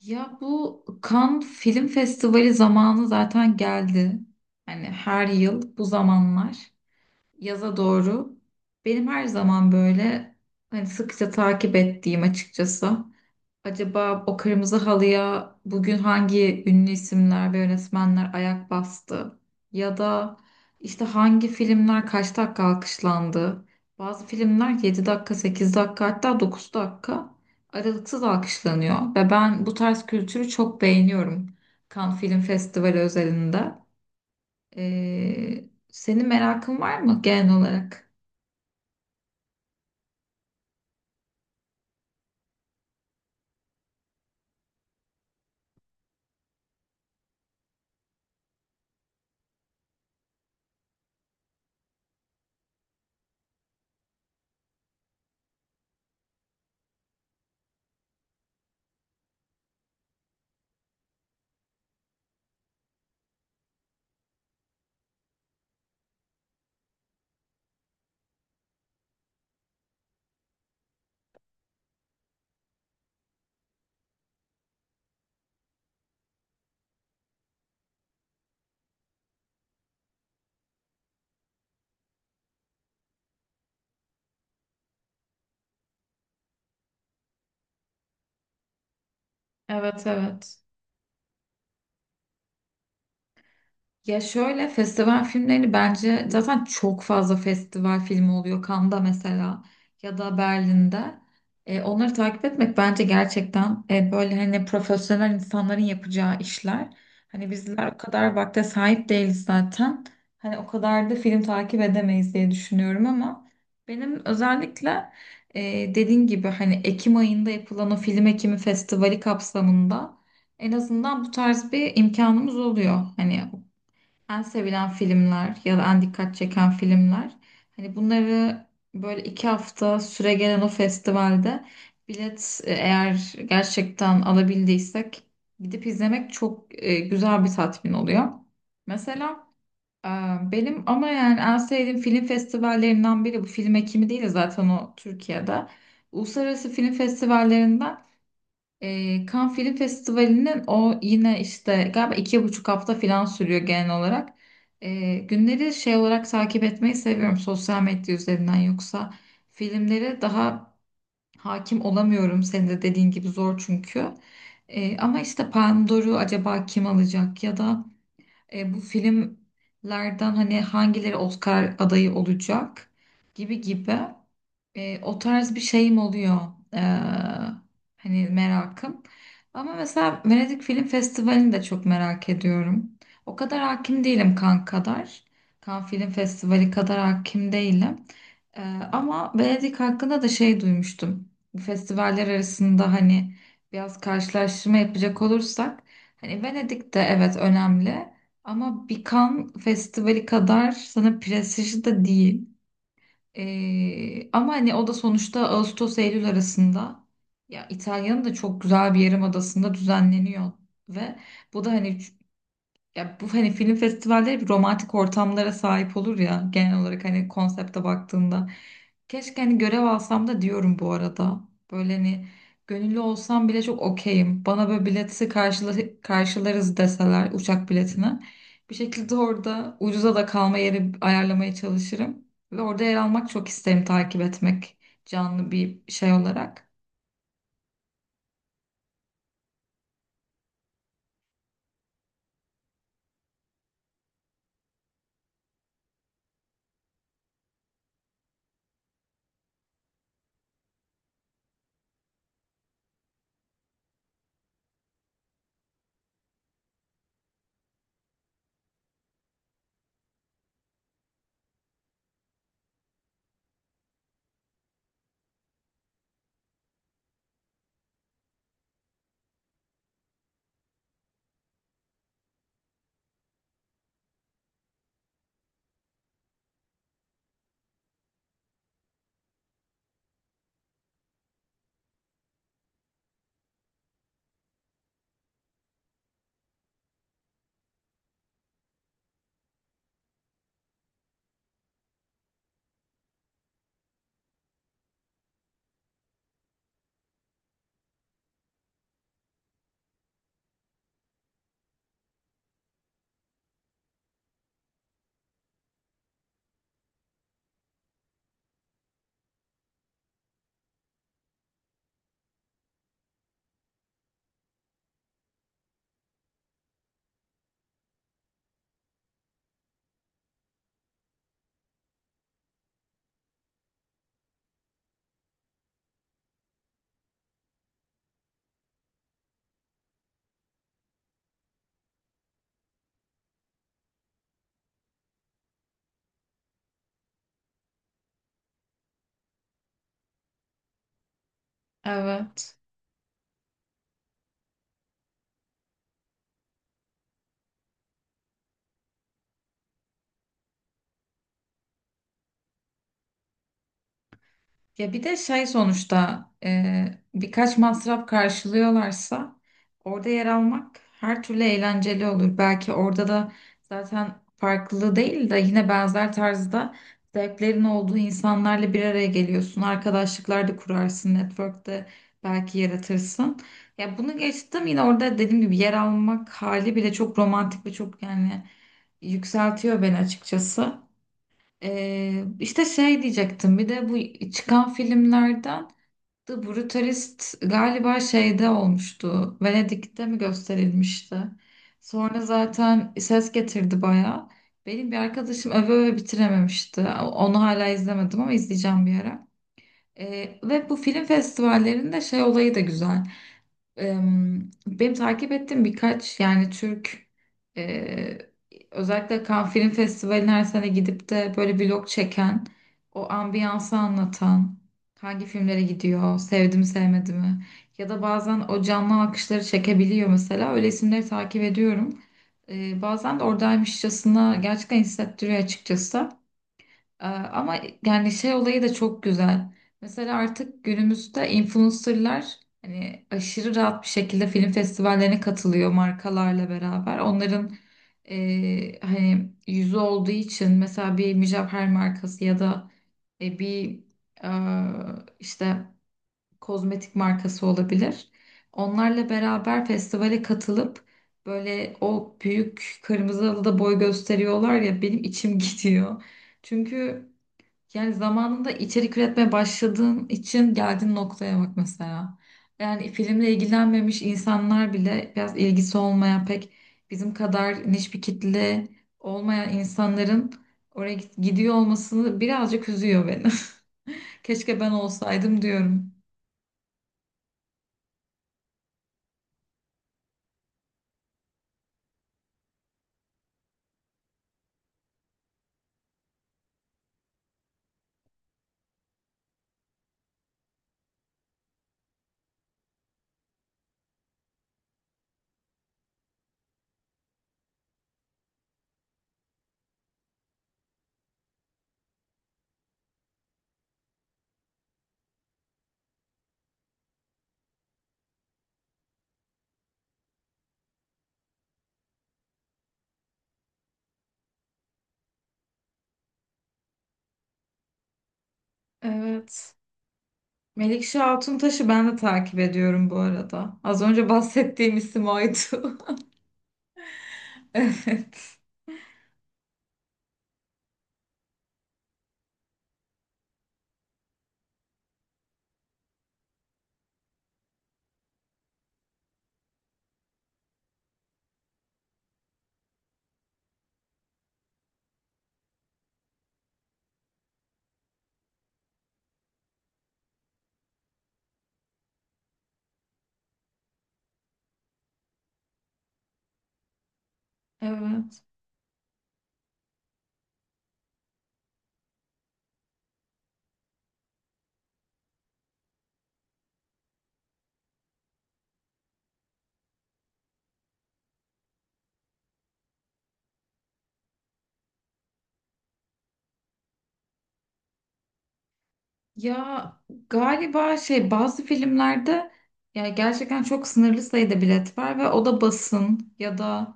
Ya bu Cannes Film Festivali zamanı zaten geldi. Hani her yıl bu zamanlar yaza doğru benim her zaman böyle hani sıkça takip ettiğim açıkçası. Acaba o kırmızı halıya bugün hangi ünlü isimler ve yönetmenler ayak bastı? Ya da işte hangi filmler kaç dakika alkışlandı? Bazı filmler 7 dakika, 8 dakika hatta 9 dakika aralıksız alkışlanıyor. Ve ben bu tarz kültürü çok beğeniyorum. Cannes Film Festivali özelinde. Senin merakın var mı genel olarak? Evet, evet. Ya şöyle festival filmlerini bence zaten çok fazla festival filmi oluyor. Cannes'da mesela ya da Berlin'de. Onları takip etmek bence gerçekten böyle hani profesyonel insanların yapacağı işler. Hani bizler o kadar vakte sahip değiliz zaten. Hani o kadar da film takip edemeyiz diye düşünüyorum ama benim özellikle dediğin gibi hani Ekim ayında yapılan o Film Ekimi Festivali kapsamında en azından bu tarz bir imkanımız oluyor. Hani en sevilen filmler ya da en dikkat çeken filmler. Hani bunları böyle iki hafta süre gelen o festivalde bilet eğer gerçekten alabildiysek gidip izlemek çok güzel bir tatmin oluyor. Mesela e, benim ama yani en sevdiğim film festivallerinden biri bu film ekimi değil de zaten o Türkiye'de. Uluslararası Film Festivallerinden Cannes Film Festivali'nin o yine işte galiba iki buçuk hafta falan sürüyor genel olarak. Günleri şey olarak takip etmeyi seviyorum sosyal medya üzerinden yoksa filmlere daha hakim olamıyorum. Senin de dediğin gibi zor çünkü. Ama işte Palme d'Or'u acaba kim alacak ya da bu filmlerden hani hangileri Oscar adayı olacak gibi gibi o tarz bir şeyim oluyor. E, Hani merakım. Ama mesela Venedik Film Festivali'ni de çok merak ediyorum. O kadar hakim değilim kan kadar. Kan Film Festivali kadar hakim değilim. E, Ama Venedik hakkında da şey duymuştum. Bu festivaller arasında hani biraz karşılaştırma yapacak olursak hani Venedik'te evet önemli. Ama bir Cannes Festivali kadar sana prestijli de değil. Ama hani o da sonuçta Ağustos-Eylül arasında ya İtalya'nın da çok güzel bir yarımadasında düzenleniyor ve bu da hani ya bu hani film festivalleri bir romantik ortamlara sahip olur ya genel olarak hani konsepte baktığında. Keşke hani görev alsam da diyorum bu arada. Böyle hani gönüllü olsam bile çok okeyim. Bana böyle bileti karşıla karşılarız deseler uçak biletine. Bir şekilde orada ucuza da kalma yeri ayarlamaya çalışırım. Ve orada yer almak çok isterim takip etmek canlı bir şey olarak. Evet. Ya bir de şey sonuçta birkaç masraf karşılıyorlarsa orada yer almak her türlü eğlenceli olur. Belki orada da zaten farklı değil de yine benzer tarzda zevklerin olduğu insanlarla bir araya geliyorsun. Arkadaşlıklar da kurarsın, network de belki yaratırsın. Ya bunu geçtim yine orada dediğim gibi yer almak hali bile çok romantik ve çok yani yükseltiyor beni açıkçası. İşte şey diyecektim bir de bu çıkan filmlerden The Brutalist galiba şeyde olmuştu. Venedik'te mi gösterilmişti? Sonra zaten ses getirdi bayağı. Benim bir arkadaşım öve öve bitirememişti. Onu hala izlemedim ama izleyeceğim bir ara. Ve bu film festivallerinde şey olayı da güzel. Benim takip ettiğim birkaç yani Türk e, özellikle Cannes Film Festivali'ne her sene gidip de böyle vlog çeken o ambiyansı anlatan hangi filmlere gidiyor sevdi mi sevmedi mi ya da bazen o canlı alkışları çekebiliyor mesela öyle isimleri takip ediyorum. Bazen de oradaymışçasına gerçekten hissettiriyor açıkçası. Ama yani şey olayı da çok güzel. Mesela artık günümüzde influencerlar hani aşırı rahat bir şekilde film festivallerine katılıyor markalarla beraber. Onların hani yüzü olduğu için mesela bir mücevher markası ya da e, bir e, işte kozmetik markası olabilir. Onlarla beraber festivale katılıp böyle o büyük kırmızı halıda boy gösteriyorlar ya benim içim gidiyor. Çünkü yani zamanında içerik üretmeye başladığın için geldiğin noktaya bak mesela. Yani filmle ilgilenmemiş insanlar bile biraz ilgisi olmayan pek bizim kadar niş bir kitle olmayan insanların gidiyor olmasını birazcık üzüyor beni. Keşke ben olsaydım diyorum. Evet. Melikşah Altuntaş'ı ben de takip ediyorum bu arada. Az önce bahsettiğim isim oydu. Evet. Evet. Ya galiba şey bazı filmlerde ya gerçekten çok sınırlı sayıda bilet var ve o da basın ya da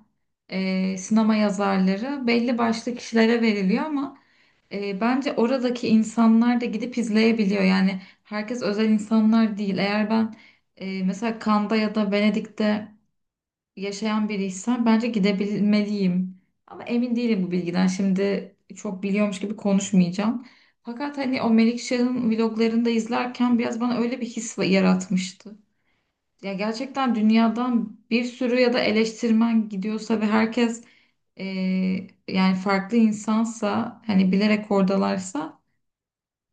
sinema yazarları belli başlı kişilere veriliyor ama bence oradaki insanlar da gidip izleyebiliyor. Yani herkes özel insanlar değil. Eğer ben mesela Cannes'da ya da Venedik'te yaşayan biriysen bence gidebilmeliyim. Ama emin değilim bu bilgiden. Şimdi çok biliyormuş gibi konuşmayacağım. Fakat hani o Melikşah'ın vloglarını da izlerken biraz bana öyle bir his yaratmıştı. Ya gerçekten dünyadan bir sürü ya da eleştirmen gidiyorsa ve herkes e, yani farklı insansa hani bilerek oradalarsa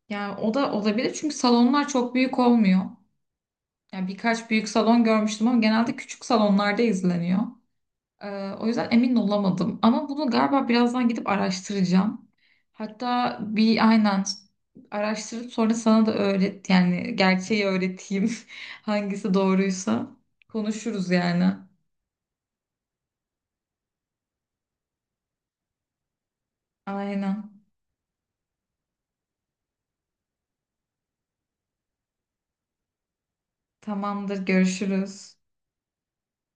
yani o da olabilir çünkü salonlar çok büyük olmuyor. Yani birkaç büyük salon görmüştüm ama genelde küçük salonlarda izleniyor. Ee, O yüzden emin olamadım. Ama bunu galiba birazdan gidip araştıracağım. Hatta bir aynen araştırıp sonra sana da öğret yani gerçeği öğreteyim. Hangisi doğruysa konuşuruz yani. Aynen. Tamamdır, görüşürüz.